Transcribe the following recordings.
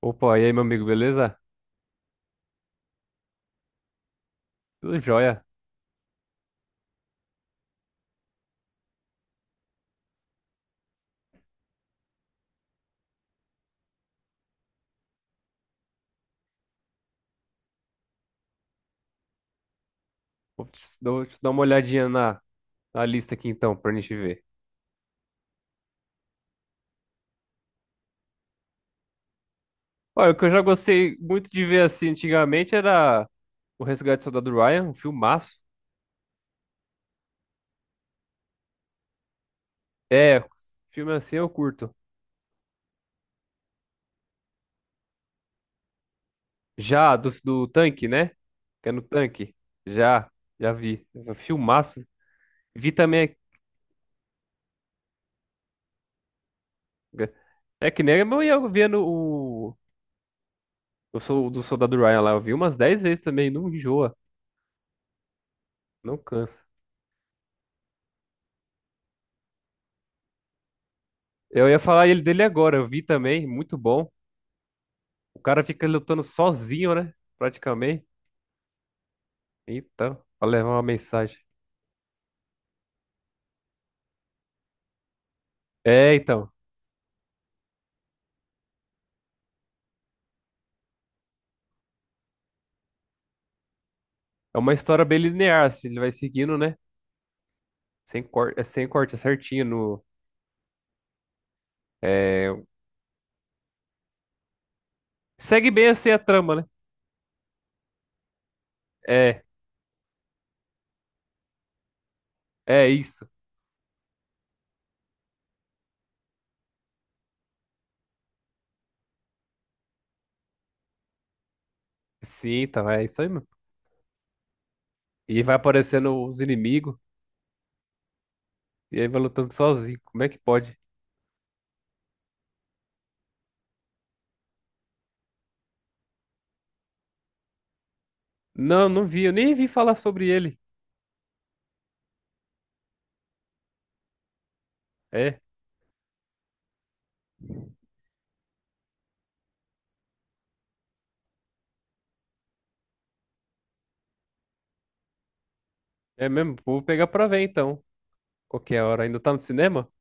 Opa, e aí, meu amigo, beleza? Tudo jóia. Vou te dar uma olhadinha na lista aqui então, pra gente ver. Olha, o que eu já gostei muito de ver assim antigamente era O Resgate do Soldado Ryan, um filmaço. É, filme assim eu curto. Já, do tanque, né? Que é no tanque. Já, já vi. É filmaço. Vi também. É é que nem eu ia vendo do Soldado Ryan lá, eu vi umas 10 vezes também, não enjoa, não cansa. Eu ia falar ele dele agora, eu vi também, muito bom. O cara fica lutando sozinho, né? Praticamente. Então, pra levar uma mensagem. É, então. É uma história bem linear, assim, ele vai seguindo, né? Sem corte, é sem corte, é certinho. No, é, Segue bem assim a trama, né? É, é isso. Sim, então, é isso aí, mesmo. E vai aparecendo os inimigos, e aí vai lutando sozinho. Como é que pode? Não, não vi, eu nem vi falar sobre ele. É, é mesmo. Vou pegar pra ver então. Qualquer hora. Ainda tá no cinema?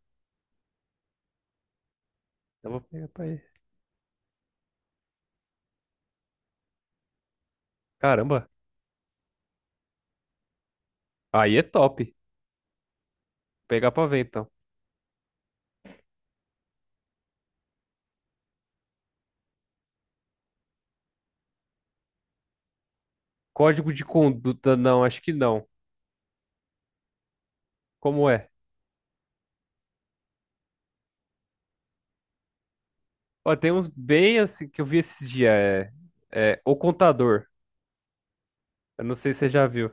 Eu vou pegar pra ver. Caramba, aí é top. Pegar pra ver então. Código de conduta, não, acho que não. Como é? Ó, tem uns bem assim que eu vi esses dias. O contador. Eu não sei se você já viu.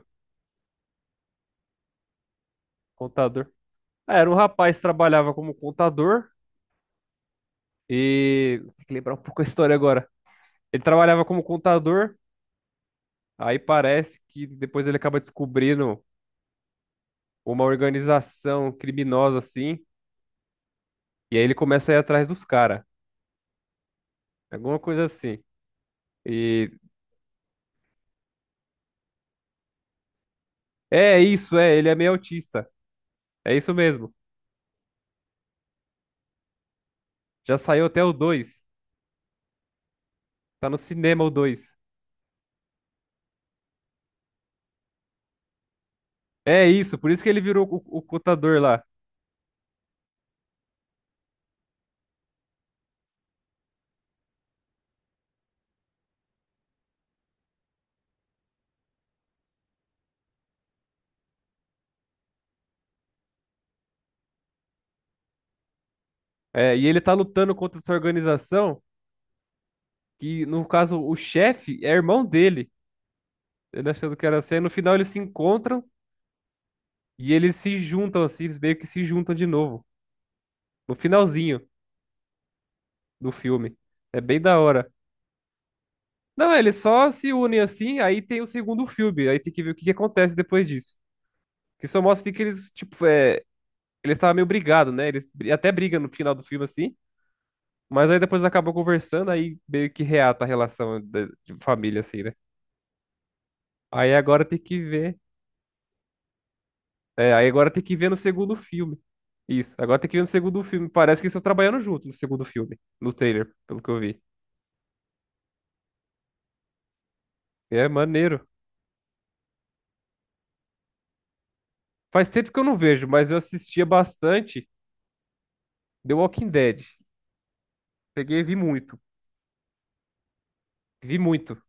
Contador. Ah, era um rapaz que trabalhava como contador e. Tem que lembrar um pouco a história agora. Ele trabalhava como contador, aí parece que depois ele acaba descobrindo uma organização criminosa assim, e aí ele começa a ir atrás dos caras. Alguma coisa assim. E é isso, é, ele é meio autista. É isso mesmo. Já saiu até o 2. Tá no cinema o 2. É isso, por isso que ele virou o contador lá. É, e ele tá lutando contra essa organização, que no caso o chefe é irmão dele. Ele achando que era assim. Aí no final eles se encontram e eles se juntam assim, eles meio que se juntam de novo. No finalzinho do filme. É bem da hora. Não, eles só se unem assim, aí tem o segundo filme. Aí tem que ver o que que acontece depois disso. Que só mostra assim, que eles, tipo, eles estavam meio brigados, né? Eles até brigam no final do filme assim. Mas aí depois acabou conversando, aí meio que reata a relação de família, assim, né? Aí agora tem que ver. É, aí agora tem que ver no segundo filme. Isso, agora tem que ver no segundo filme. Parece que eles estão trabalhando junto no segundo filme, no trailer, pelo que eu vi. É maneiro. Faz tempo que eu não vejo, mas eu assistia bastante The Walking Dead. Peguei e vi muito. Vi muito.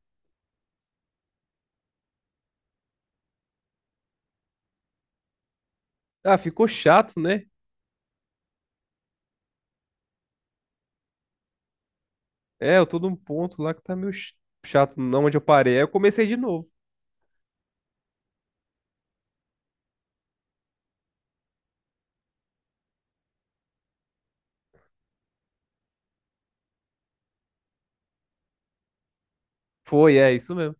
Ah, ficou chato, né? É, eu tô num ponto lá que tá meio chato, não onde eu parei. Aí eu comecei de novo. Foi, é isso mesmo.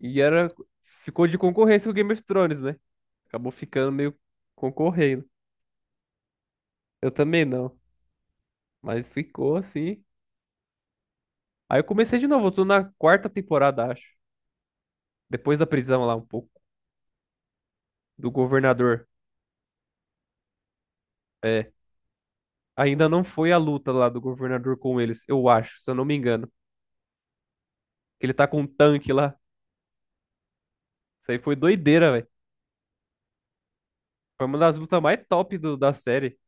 E era, ficou de concorrência com Game of Thrones, né? Acabou ficando meio concorrendo. Eu também não, mas ficou assim. Aí eu comecei de novo, eu tô na quarta temporada, acho. Depois da prisão lá um pouco, do governador. É, ainda não foi a luta lá do governador com eles, eu acho, se eu não me engano. Que ele tá com um tanque lá. Isso aí foi doideira, velho. Foi uma das lutas mais top da série.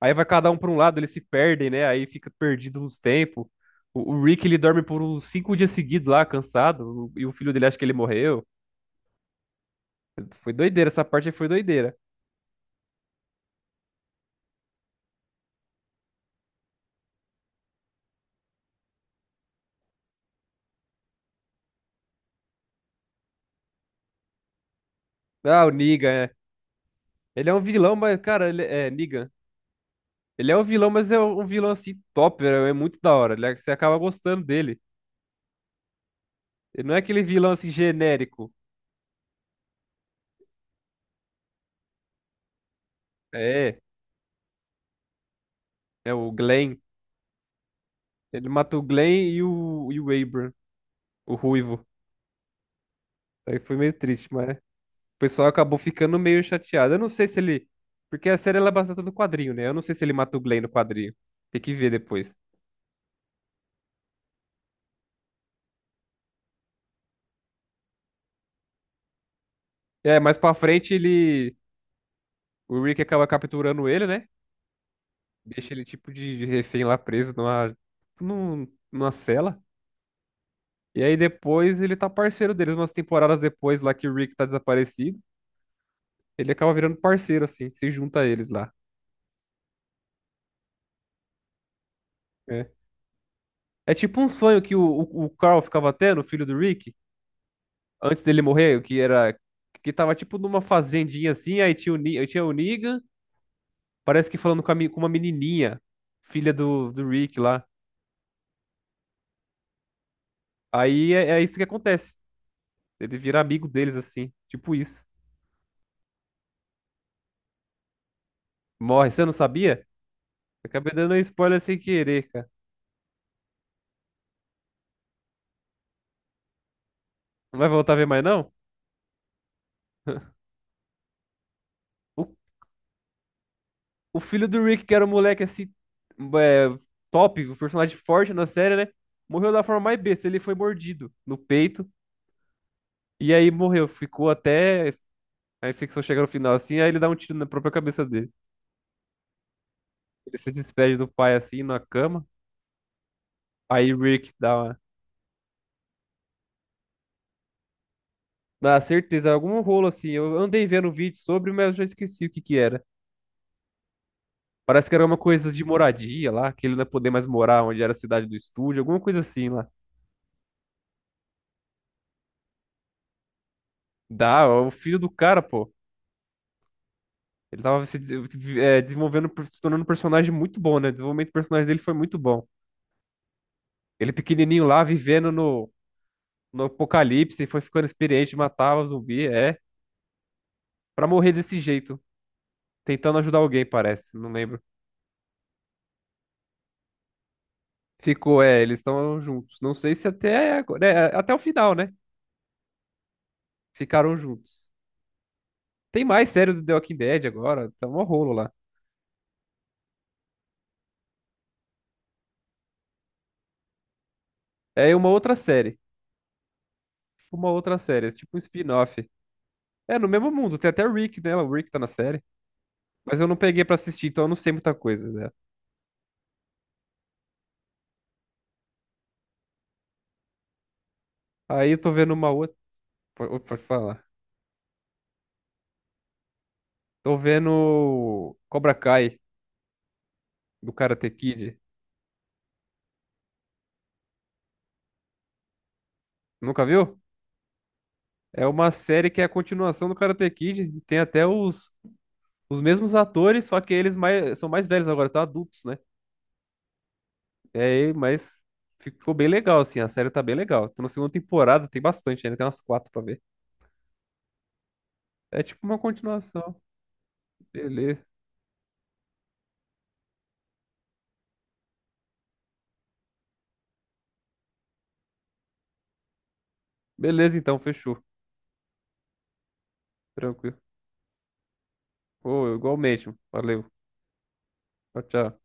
Aí vai cada um pra um lado, eles se perdem, né? Aí fica perdido nos tempos. O Rick, ele dorme por uns 5 dias seguidos lá, cansado. E o filho dele acha que ele morreu. Foi doideira, essa parte aí foi doideira. Ah, o Negan, é. Ele é um vilão, mas, cara, ele é Negan. Ele é um vilão, mas é um vilão assim top, é muito da hora. Você acaba gostando dele. Ele não é aquele vilão assim genérico. É, é o Glenn. Ele mata o Glenn e o Abram, o ruivo. Aí foi meio triste, mas. O pessoal acabou ficando meio chateado. Eu não sei se ele. Porque a série ela é baseada no quadrinho, né? Eu não sei se ele mata o Glenn no quadrinho. Tem que ver depois. É, mais pra frente ele. O Rick acaba capturando ele, né? Deixa ele tipo de refém lá preso numa cela. E aí depois ele tá parceiro deles, umas temporadas depois lá que o Rick tá desaparecido. Ele acaba virando parceiro, assim, se junta a eles lá. É, é tipo um sonho que o Carl ficava tendo, o filho do Rick. Antes dele morrer, que era que tava tipo numa fazendinha assim, aí tinha o Negan, parece que falando com, com uma menininha, filha do Rick lá. Aí é, é isso que acontece. Ele vira amigo deles assim, tipo isso. Morre, você não sabia? Acabei dando um spoiler sem querer, cara. Não vai voltar a ver mais não? O, o filho do Rick, que era um moleque assim, é, top, um personagem forte na série, né? Morreu da forma mais besta, ele foi mordido no peito. E aí morreu, ficou até. Aí Ficção chega no final assim, aí ele dá um tiro na própria cabeça dele. Ele se despede do pai assim, na cama. Aí Rick dá uma. Na certeza, algum rolo assim. Eu andei vendo um vídeo sobre, mas eu já esqueci o que que era. Parece que era uma coisa de moradia lá, que ele não ia poder mais morar onde era a cidade do estúdio, alguma coisa assim lá. Dá, ó, o filho do cara, pô. Ele tava se des- eh, desenvolvendo, se tornando um personagem muito bom, né? O desenvolvimento do personagem dele foi muito bom. Ele pequenininho lá, vivendo no apocalipse, foi ficando experiente, matava zumbi, é. Pra morrer desse jeito. Tentando ajudar alguém, parece, não lembro. Ficou, é, eles estão juntos. Não sei se até, é, até o final, né? Ficaram juntos. Tem mais série do The Walking Dead agora, tá um rolo lá. É uma outra série, uma outra série, é tipo um spin-off. É, no mesmo mundo, tem até o Rick nela, o Rick tá na série. Mas eu não peguei pra assistir, então eu não sei muita coisa, né? Aí eu tô vendo uma outra. Pode falar. Tô vendo Cobra Kai, do Karate Kid. Nunca viu? É uma série que é a continuação do Karate Kid. Tem até os mesmos atores, só que são mais velhos agora, estão adultos, né? É, mas ficou bem legal, assim, a série tá bem legal. Tô na segunda temporada, tem bastante ainda, tem umas 4 pra ver. É tipo uma continuação. Beleza. Beleza, então, fechou. Tranquilo. Pô, igualmente. Valeu. Tchau, tchau.